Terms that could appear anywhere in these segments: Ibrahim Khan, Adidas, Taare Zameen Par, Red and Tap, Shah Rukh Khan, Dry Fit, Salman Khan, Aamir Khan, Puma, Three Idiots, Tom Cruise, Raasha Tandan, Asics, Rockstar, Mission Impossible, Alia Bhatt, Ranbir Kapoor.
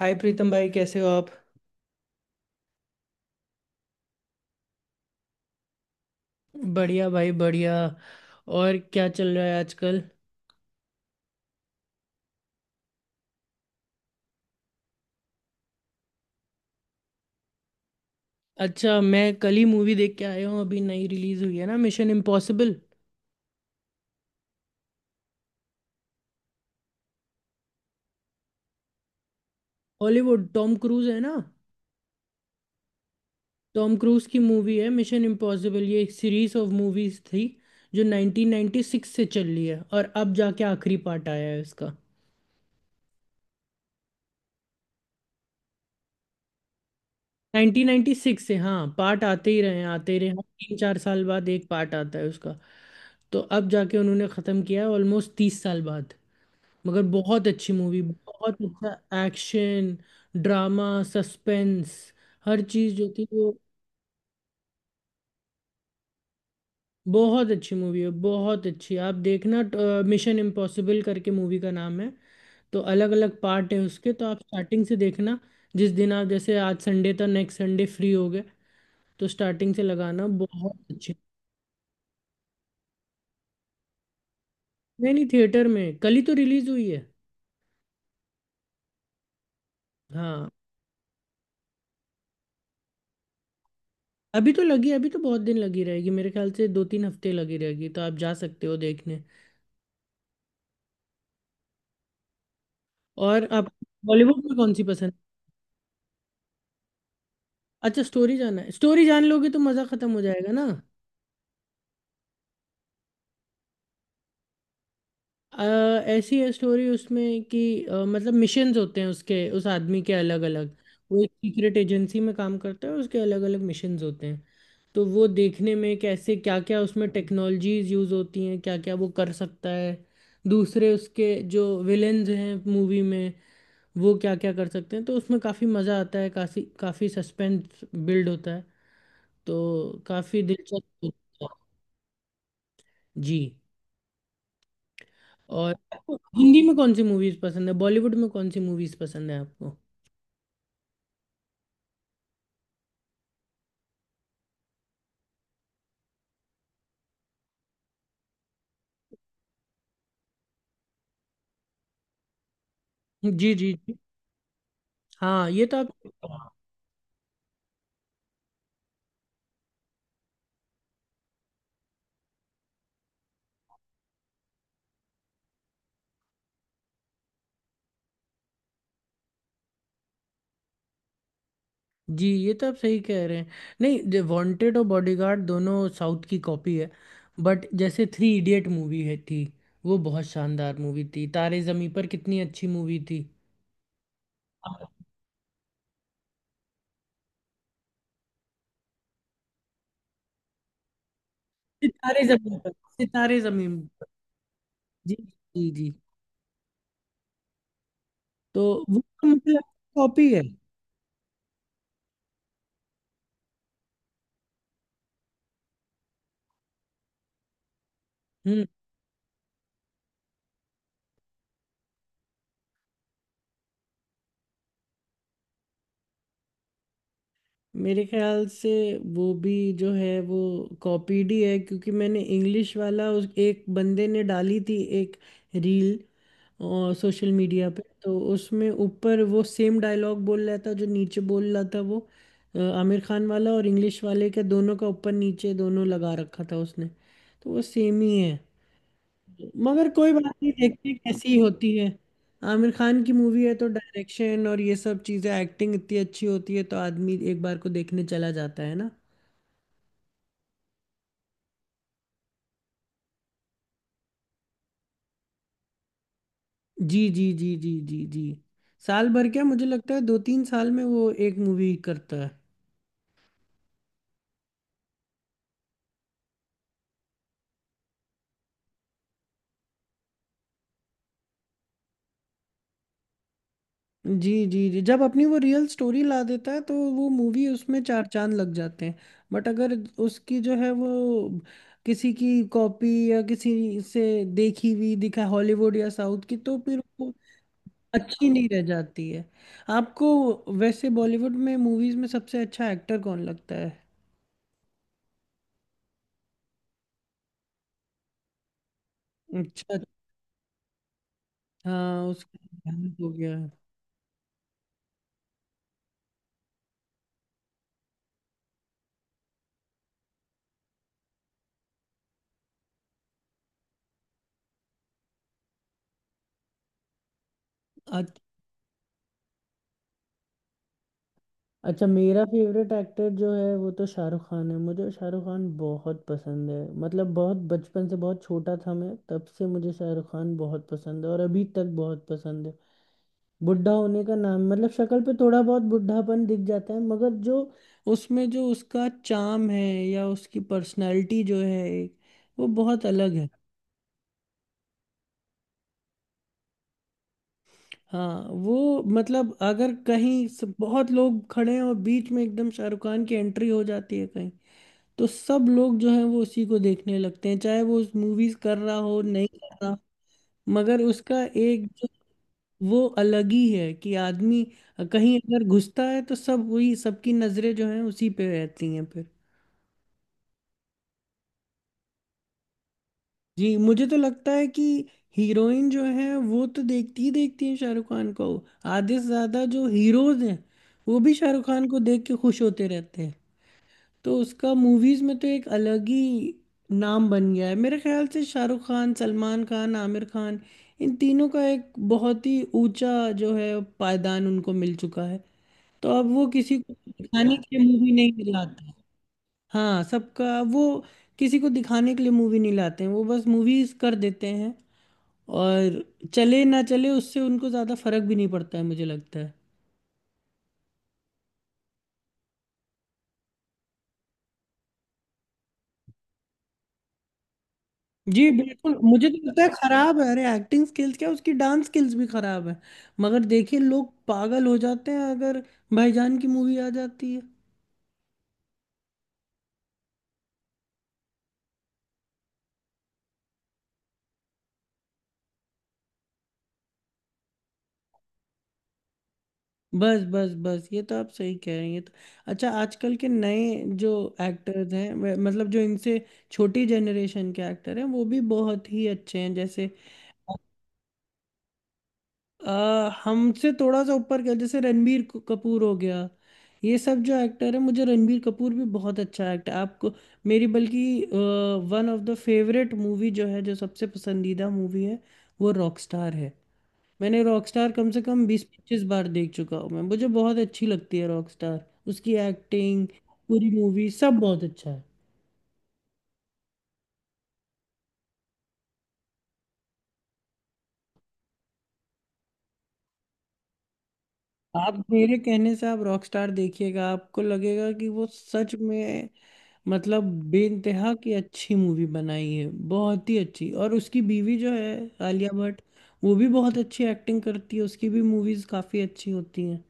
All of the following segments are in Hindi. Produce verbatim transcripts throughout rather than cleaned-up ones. हाय प्रीतम भाई, कैसे हो आप। बढ़िया भाई, बढ़िया। और क्या चल रहा है आजकल। अच्छा, मैं कल ही मूवी देख के आया हूँ। अभी नई रिलीज हुई है ना, Mission Impossible. Hollywood, Tom Cruise है ना। टॉम क्रूज की मूवी है मिशन इम्पॉसिबल। ये एक सीरीज ऑफ मूवीज थी जो नाइंटीन नाइंटी सिक्स से चल रही है और अब जाके आखिरी पार्ट आया है इसका। नाइंटीन नाइंटी सिक्स से, हाँ, पार्ट आते ही रहे हैं, आते ही रहे हैं। तीन चार साल बाद एक पार्ट आता है उसका। तो अब जाके उन्होंने ख़त्म किया है ऑलमोस्ट तीस साल बाद। मगर बहुत अच्छी मूवी, बहुत अच्छा एक्शन, ड्रामा, सस्पेंस, हर चीज़ जो थी वो। बहुत अच्छी मूवी है, बहुत अच्छी, आप देखना। मिशन इम्पॉसिबल करके मूवी का नाम है। तो अलग अलग पार्ट है उसके, तो आप स्टार्टिंग से देखना। जिस दिन आप जैसे आज संडे था, नेक्स्ट संडे फ्री हो गए, तो स्टार्टिंग से लगाना, बहुत अच्छी। नहीं नहीं, थिएटर में कल ही तो रिलीज हुई है। हाँ, अभी तो लगी, अभी तो बहुत दिन लगी रहेगी। मेरे ख्याल से दो तीन हफ्ते लगी रहेगी, तो आप जा सकते हो देखने। और आप बॉलीवुड में कौन सी पसंद। अच्छा, स्टोरी जानना है। स्टोरी जान लोगे तो मज़ा ख़त्म हो जाएगा ना। अ, ऐसी है स्टोरी उसमें कि अ, मतलब मिशंस होते हैं उसके, उस आदमी के अलग अलग। वो एक सीक्रेट एजेंसी में काम करता है, उसके अलग अलग मिशंस होते हैं। तो वो देखने में कैसे, क्या क्या उसमें टेक्नोलॉजीज यूज़ होती हैं, क्या क्या वो कर सकता है, दूसरे उसके जो विलेन्स हैं मूवी में, वो क्या क्या कर सकते हैं। तो उसमें काफ़ी मज़ा आता है, काफ़ी काफ़ी सस्पेंस बिल्ड होता है, तो काफी दिलचस्प होता है। जी। और आपको हिंदी में कौन सी मूवीज पसंद है, बॉलीवुड में कौन सी मूवीज पसंद है आपको। जी जी जी। हाँ ये तो आप। जी, ये तो आप सही कह रहे हैं। नहीं, वांटेड और बॉडीगार्ड दोनों साउथ की कॉपी है। बट जैसे थ्री इडियट मूवी है थी, वो बहुत शानदार मूवी थी। तारे जमीन पर, कितनी अच्छी मूवी थी। सितारे जमीन पर, सितारे जमीन पर। जी जी जी। तो वो तो मतलब कॉपी है। हम्म। मेरे ख्याल से वो भी जो है वो कॉपीड ही है, क्योंकि मैंने इंग्लिश वाला, उस एक बंदे ने डाली थी एक रील और सोशल मीडिया पे, तो उसमें ऊपर वो सेम डायलॉग बोल रहा था जो नीचे बोल रहा था वो। अ, आमिर खान वाला और इंग्लिश वाले के दोनों का ऊपर नीचे दोनों लगा रखा था उसने। तो वो सेम ही है। मगर कोई बात नहीं, देखते हैं कैसी होती है। आमिर खान की मूवी है, तो डायरेक्शन और ये सब चीजें, एक्टिंग इतनी अच्छी होती है, तो आदमी एक बार को देखने चला जाता है ना। जी जी जी जी जी जी। साल भर क्या, मुझे लगता है दो तीन साल में वो एक मूवी करता है। जी जी जी। जब अपनी वो रियल स्टोरी ला देता है, तो वो मूवी, उसमें चार चांद लग जाते हैं। बट अगर उसकी जो है वो किसी की कॉपी, या किसी से देखी हुई दिखा, हॉलीवुड या साउथ की, तो फिर वो अच्छी नहीं रह जाती है। आपको वैसे बॉलीवुड में मूवीज में सबसे अच्छा एक्टर कौन लगता है। अच्छा। हाँ, उसका देहांत हो गया। अच्छा। अच्छा, मेरा फेवरेट एक्टर जो है वो तो शाहरुख खान है। मुझे शाहरुख खान बहुत पसंद है। मतलब बहुत बचपन से, बहुत छोटा था मैं तब से मुझे शाहरुख खान बहुत पसंद है, और अभी तक बहुत पसंद है। बुढ़ा होने का नाम, मतलब शक्ल पे थोड़ा बहुत बुढ़ापन दिख जाता है, मगर जो उसमें जो उसका चाम है, या उसकी पर्सनालिटी जो है एक, वो बहुत अलग है। हाँ वो मतलब, अगर कहीं स- बहुत लोग खड़े हैं और बीच में एकदम शाहरुख खान की एंट्री हो जाती है कहीं, तो सब लोग जो है वो उसी को देखने लगते हैं, चाहे वो उस मूवीज कर रहा हो नहीं कर रहा। मगर उसका एक वो अलग ही है कि आदमी कहीं अगर घुसता है, तो सब वही, सबकी नजरें जो हैं उसी पे रहती हैं फिर। जी, मुझे तो लगता है कि हीरोइन जो है वो तो देखती ही देखती है शाहरुख खान को। आधे से ज्यादा जो हीरोज हैं, वो भी शाहरुख खान को देख के खुश होते रहते हैं। तो उसका मूवीज में तो एक अलग ही नाम बन गया है। मेरे ख्याल से शाहरुख खान, सलमान खान, आमिर खान, इन तीनों का एक बहुत ही ऊंचा, जो है, पायदान उनको मिल चुका है। तो अब वो किसी को दिखाने के लिए मूवी नहीं लाते। हाँ सबका वो, किसी को दिखाने के लिए मूवी नहीं लाते हैं, वो बस मूवीज कर देते हैं। और चले ना चले, उससे उनको ज्यादा फर्क भी नहीं पड़ता है मुझे लगता है। जी बिल्कुल, मुझे तो लगता है खराब है। अरे एक्टिंग स्किल्स क्या, उसकी डांस स्किल्स भी खराब है। मगर देखिए लोग पागल हो जाते हैं अगर भाईजान की मूवी आ जाती है। बस बस बस, ये तो आप सही कह रही हैं, तो अच्छा, आजकल के नए जो एक्टर्स हैं वे- मतलब जो इनसे छोटी जनरेशन के एक्टर हैं, वो भी बहुत ही अच्छे हैं, जैसे आ, हमसे थोड़ा सा ऊपर का, जैसे रणबीर क- कपूर हो गया। ये सब जो एक्टर है, मुझे रणबीर कपूर भी बहुत अच्छा एक्टर। आपको मेरी बल्कि one of the favourite movie जो है, जो सबसे पसंदीदा मूवी है, वो रॉकस्टार है। मैंने रॉकस्टार कम से कम बीस पच्चीस बार देख चुका हूँ मैं। मुझे बहुत अच्छी लगती है रॉकस्टार, उसकी एक्टिंग, पूरी मूवी, सब बहुत अच्छा है। आप मेरे कहने से आप रॉकस्टार देखिएगा, आपको लगेगा कि वो सच में मतलब बेइंतहा की अच्छी मूवी बनाई है, बहुत ही अच्छी। और उसकी बीवी जो है आलिया भट्ट, वो भी बहुत अच्छी एक्टिंग करती है, उसकी भी मूवीज काफी अच्छी होती हैं।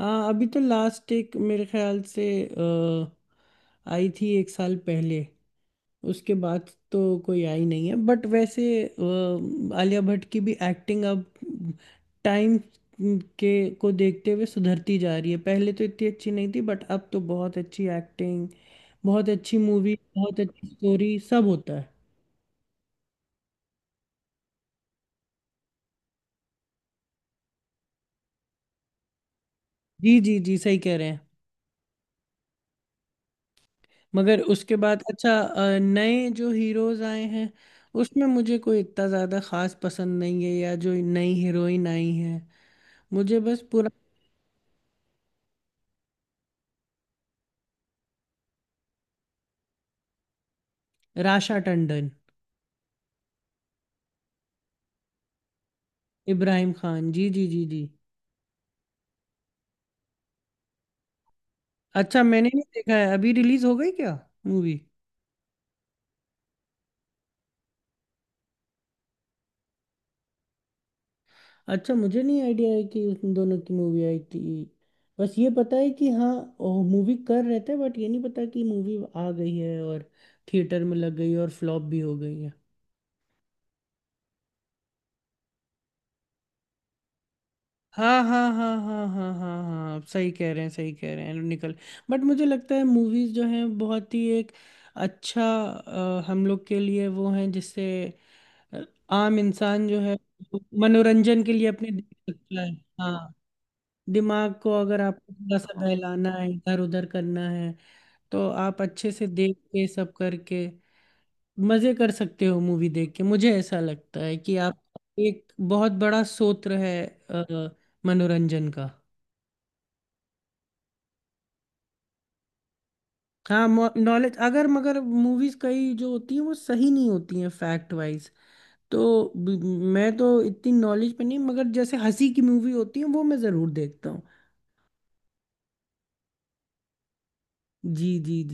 हाँ, अभी तो लास्ट एक, मेरे ख्याल से अ, आई थी एक साल पहले, उसके बाद तो कोई आई नहीं है। बट वैसे अ, आलिया भट्ट की भी एक्टिंग अब टाइम के को देखते हुए सुधरती जा रही है। पहले तो इतनी अच्छी नहीं थी, बट अब तो बहुत अच्छी एक्टिंग, बहुत अच्छी मूवी, बहुत अच्छी स्टोरी, सब होता है। जी जी जी, सही कह रहे हैं। मगर उसके बाद अच्छा, अ, नए जो हीरोज आए हैं, उसमें मुझे कोई इतना ज़्यादा खास पसंद नहीं है, या जो नई हीरोइन आई है, मुझे बस पूरा। राशा टंडन। इब्राहिम खान, जी जी जी जी। अच्छा, मैंने नहीं देखा है। अभी रिलीज हो गई क्या मूवी। अच्छा, मुझे नहीं आइडिया है कि उन दोनों की मूवी आई थी। बस ये पता है कि हाँ मूवी कर रहे थे, बट ये नहीं पता कि मूवी आ गई है और थिएटर में लग गई और फ्लॉप भी हो गई है। हाँ हाँ हाँ हाँ हाँ हाँ हाँ, आप सही कह रहे हैं, सही कह रहे हैं। निकल, बट मुझे लगता है मूवीज जो हैं, बहुत ही एक अच्छा, अ, हम लोग के लिए वो हैं, जिससे आम इंसान जो है, वो मनोरंजन के लिए अपने देख सकता है। हाँ, दिमाग को अगर आपको थोड़ा सा बहलाना है, इधर उधर करना है, तो आप अच्छे से देख के सब करके मजे कर सकते हो, मूवी देख के। मुझे ऐसा लगता है कि आप एक बहुत बड़ा स्रोत है अ, मनोरंजन का। हाँ, नॉलेज अगर मगर मूवीज कई जो होती हैं वो सही नहीं होती हैं फैक्ट वाइज। तो ब- मैं तो इतनी नॉलेज पे नहीं, मगर जैसे हंसी की मूवी होती है वो मैं जरूर देखता हूँ। जी जी।